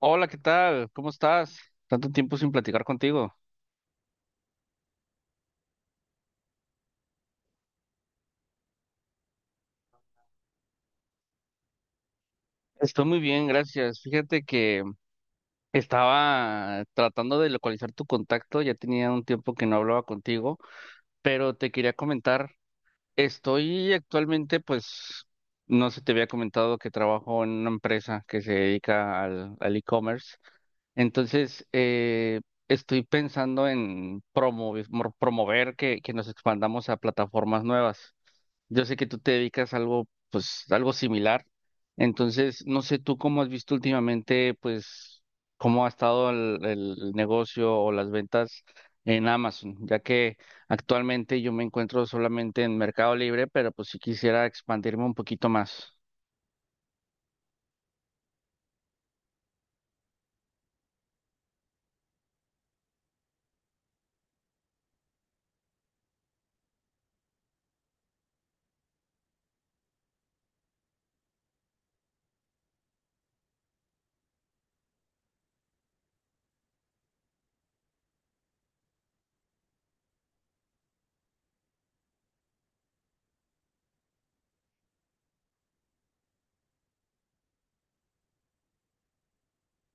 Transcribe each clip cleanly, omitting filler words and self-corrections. Hola, ¿qué tal? ¿Cómo estás? Tanto tiempo sin platicar contigo. Estoy muy bien, gracias. Fíjate que estaba tratando de localizar tu contacto, ya tenía un tiempo que no hablaba contigo, pero te quería comentar, estoy actualmente, pues, no sé, te había comentado que trabajo en una empresa que se dedica al e-commerce. Entonces, eh, Estoy pensando en promover, promover que nos expandamos a plataformas nuevas. Yo sé que tú te dedicas a algo, pues, algo similar. Entonces, no sé tú cómo has visto últimamente, pues, cómo ha estado el negocio o las ventas en Amazon, ya que actualmente yo me encuentro solamente en Mercado Libre, pero pues sí quisiera expandirme un poquito más.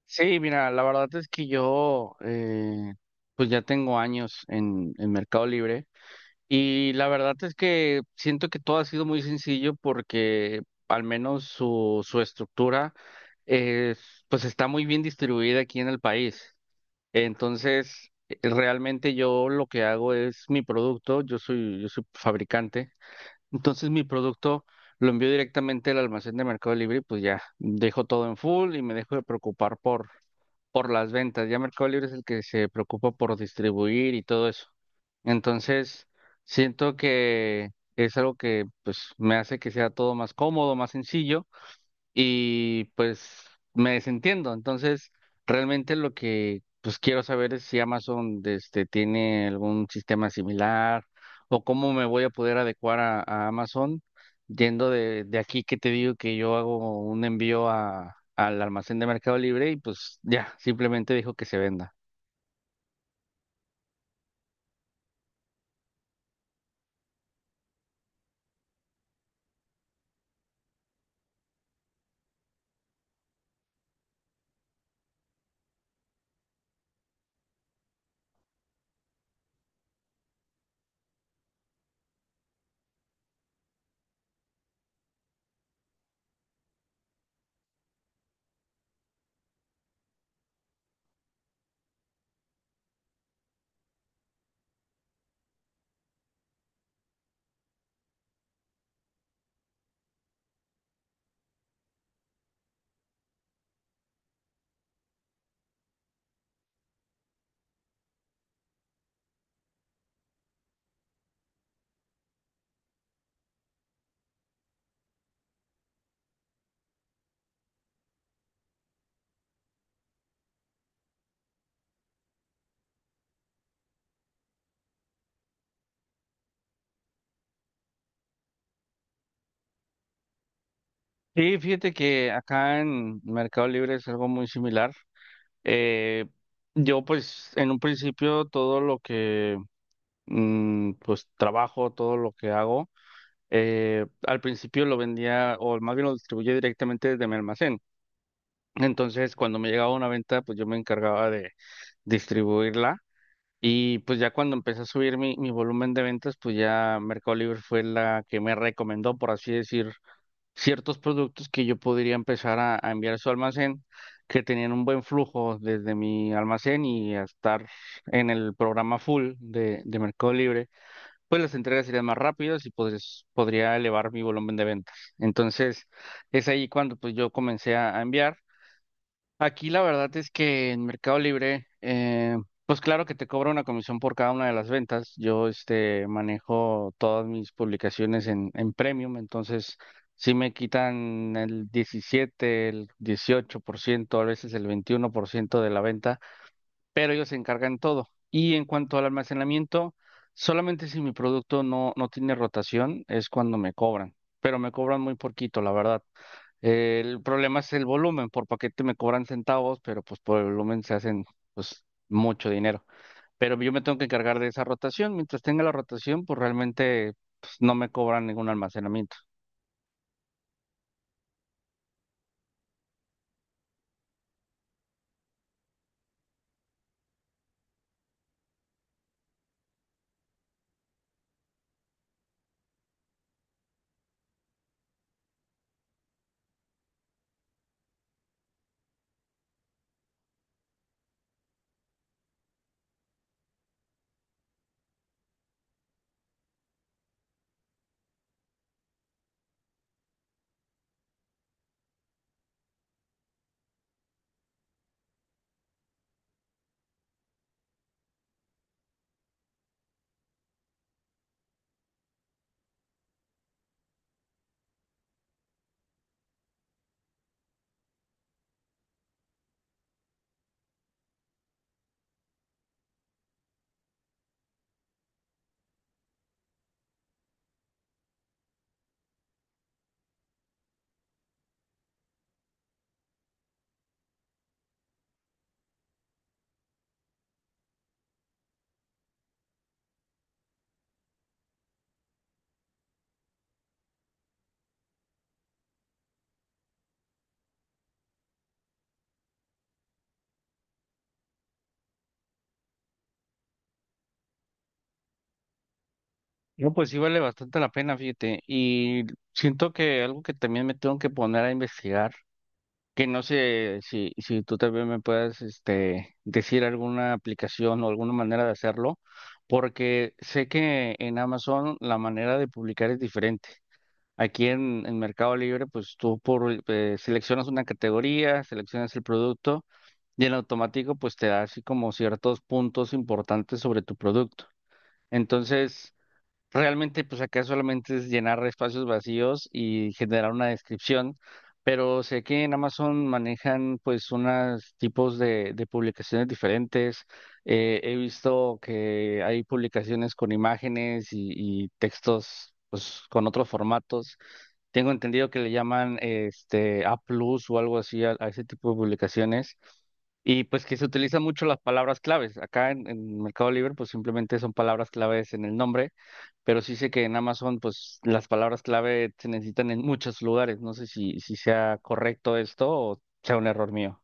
Sí, mira, la verdad es que pues ya tengo años en Mercado Libre. Y la verdad es que siento que todo ha sido muy sencillo porque al menos su estructura es, pues está muy bien distribuida aquí en el país. Realmente yo lo que hago es mi producto, yo soy fabricante. Entonces mi producto lo envío directamente al almacén de Mercado Libre y pues ya dejo todo en full y me dejo de preocupar por las ventas. Ya Mercado Libre es el que se preocupa por distribuir y todo eso. Entonces siento que es algo que pues me hace que sea todo más cómodo, más sencillo y pues me desentiendo. Entonces, realmente lo que pues quiero saber es si Amazon este, tiene algún sistema similar o cómo me voy a poder adecuar a Amazon yendo de aquí que te digo que yo hago un envío a, al almacén de Mercado Libre y pues ya, simplemente dijo que se venda. Sí, fíjate que acá en Mercado Libre es algo muy similar. Eh, yo pues en un principio todo lo que pues trabajo, todo lo que hago. Al principio lo vendía, o más bien lo distribuía directamente desde mi almacén. Entonces, cuando me llegaba una venta, pues yo me encargaba de distribuirla. Y pues ya cuando empecé a subir mi volumen de ventas, pues ya Mercado Libre fue la que me recomendó, por así decir, ciertos productos que yo podría empezar a enviar a su almacén, que tenían un buen flujo desde mi almacén y a estar en el programa full de Mercado Libre pues las entregas serían más rápidas y podría elevar mi volumen de ventas. Entonces, es ahí cuando pues yo comencé a enviar. Aquí la verdad es que en Mercado Libre, pues claro que te cobra una comisión por cada una de las ventas. Yo este manejo todas mis publicaciones en Premium, entonces sí me quitan el 17, el 18%, a veces el 21% de la venta pero ellos se encargan todo. Y en cuanto al almacenamiento, solamente si mi producto no tiene rotación es cuando me cobran, pero me cobran muy poquito, la verdad. El problema es el volumen, por paquete me cobran centavos, pero pues por el volumen se hacen pues mucho dinero. Pero yo me tengo que encargar de esa rotación, mientras tenga la rotación, pues realmente pues, no me cobran ningún almacenamiento. No, pues sí vale bastante la pena, fíjate, y siento que algo que también me tengo que poner a investigar que no sé si tú también me puedas este, decir alguna aplicación o alguna manera de hacerlo, porque sé que en Amazon la manera de publicar es diferente. Aquí en Mercado Libre, pues tú seleccionas una categoría, seleccionas el producto y en automático pues te da así como ciertos puntos importantes sobre tu producto. Entonces, realmente, pues acá solamente es llenar espacios vacíos y generar una descripción, pero sé que en Amazon manejan pues unos tipos de publicaciones diferentes. He visto que hay publicaciones con imágenes y textos pues con otros formatos. Tengo entendido que le llaman este A plus o algo así a ese tipo de publicaciones. Y pues que se utilizan mucho las palabras claves. Acá en Mercado Libre, pues simplemente son palabras claves en el nombre pero sí sé que en Amazon, pues las palabras clave se necesitan en muchos lugares. No sé si sea correcto esto o sea un error mío.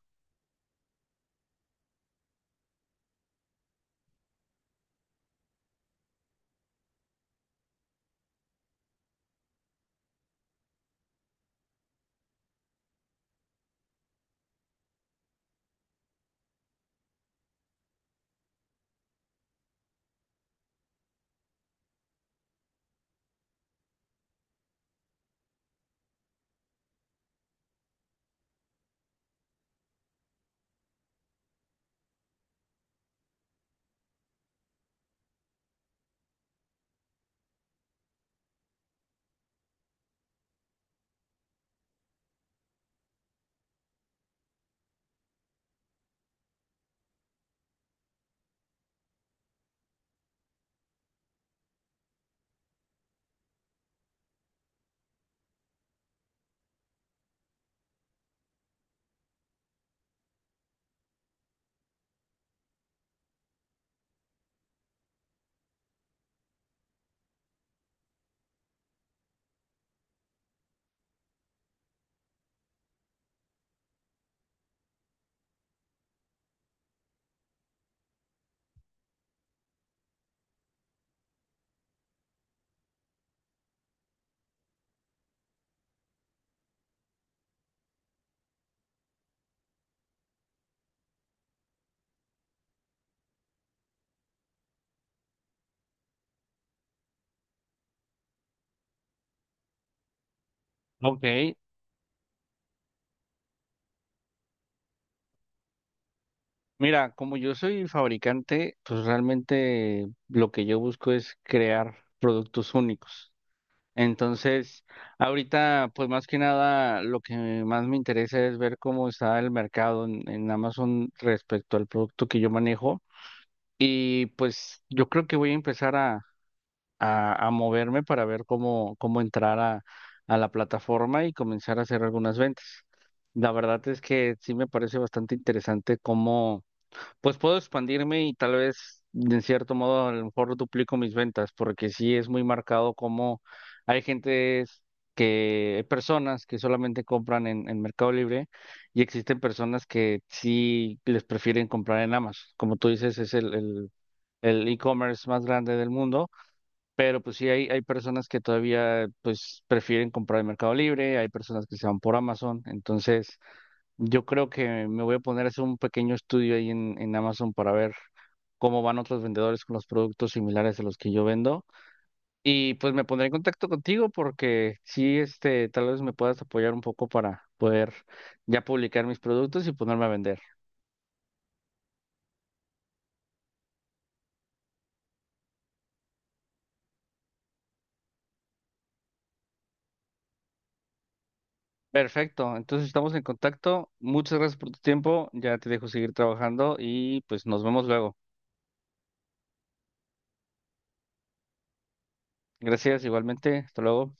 Ok, mira, como yo soy fabricante, pues realmente lo que yo busco es crear productos únicos. Entonces, ahorita, pues más que nada, lo que más me interesa es ver cómo está el mercado en Amazon respecto al producto que yo manejo. Y pues yo creo que voy a empezar a moverme para ver cómo, cómo entrar a la plataforma y comenzar a hacer algunas ventas. La verdad es que sí me parece bastante interesante cómo, pues puedo expandirme y tal vez, de cierto modo, a lo mejor duplico mis ventas, porque sí es muy marcado cómo hay gentes que, personas que solamente compran en Mercado Libre y existen personas que sí les prefieren comprar en Amazon. Como tú dices, es el e-commerce más grande del mundo pero pues sí, hay personas que todavía pues prefieren comprar en Mercado Libre, hay personas que se van por Amazon. Entonces, yo creo que me voy a poner a hacer un pequeño estudio ahí en Amazon para ver cómo van otros vendedores con los productos similares a los que yo vendo. Y pues me pondré en contacto contigo porque sí, este, tal vez me puedas apoyar un poco para poder ya publicar mis productos y ponerme a vender. Perfecto, entonces estamos en contacto. Muchas gracias por tu tiempo. Ya te dejo seguir trabajando y pues nos vemos luego. Gracias, igualmente. Hasta luego.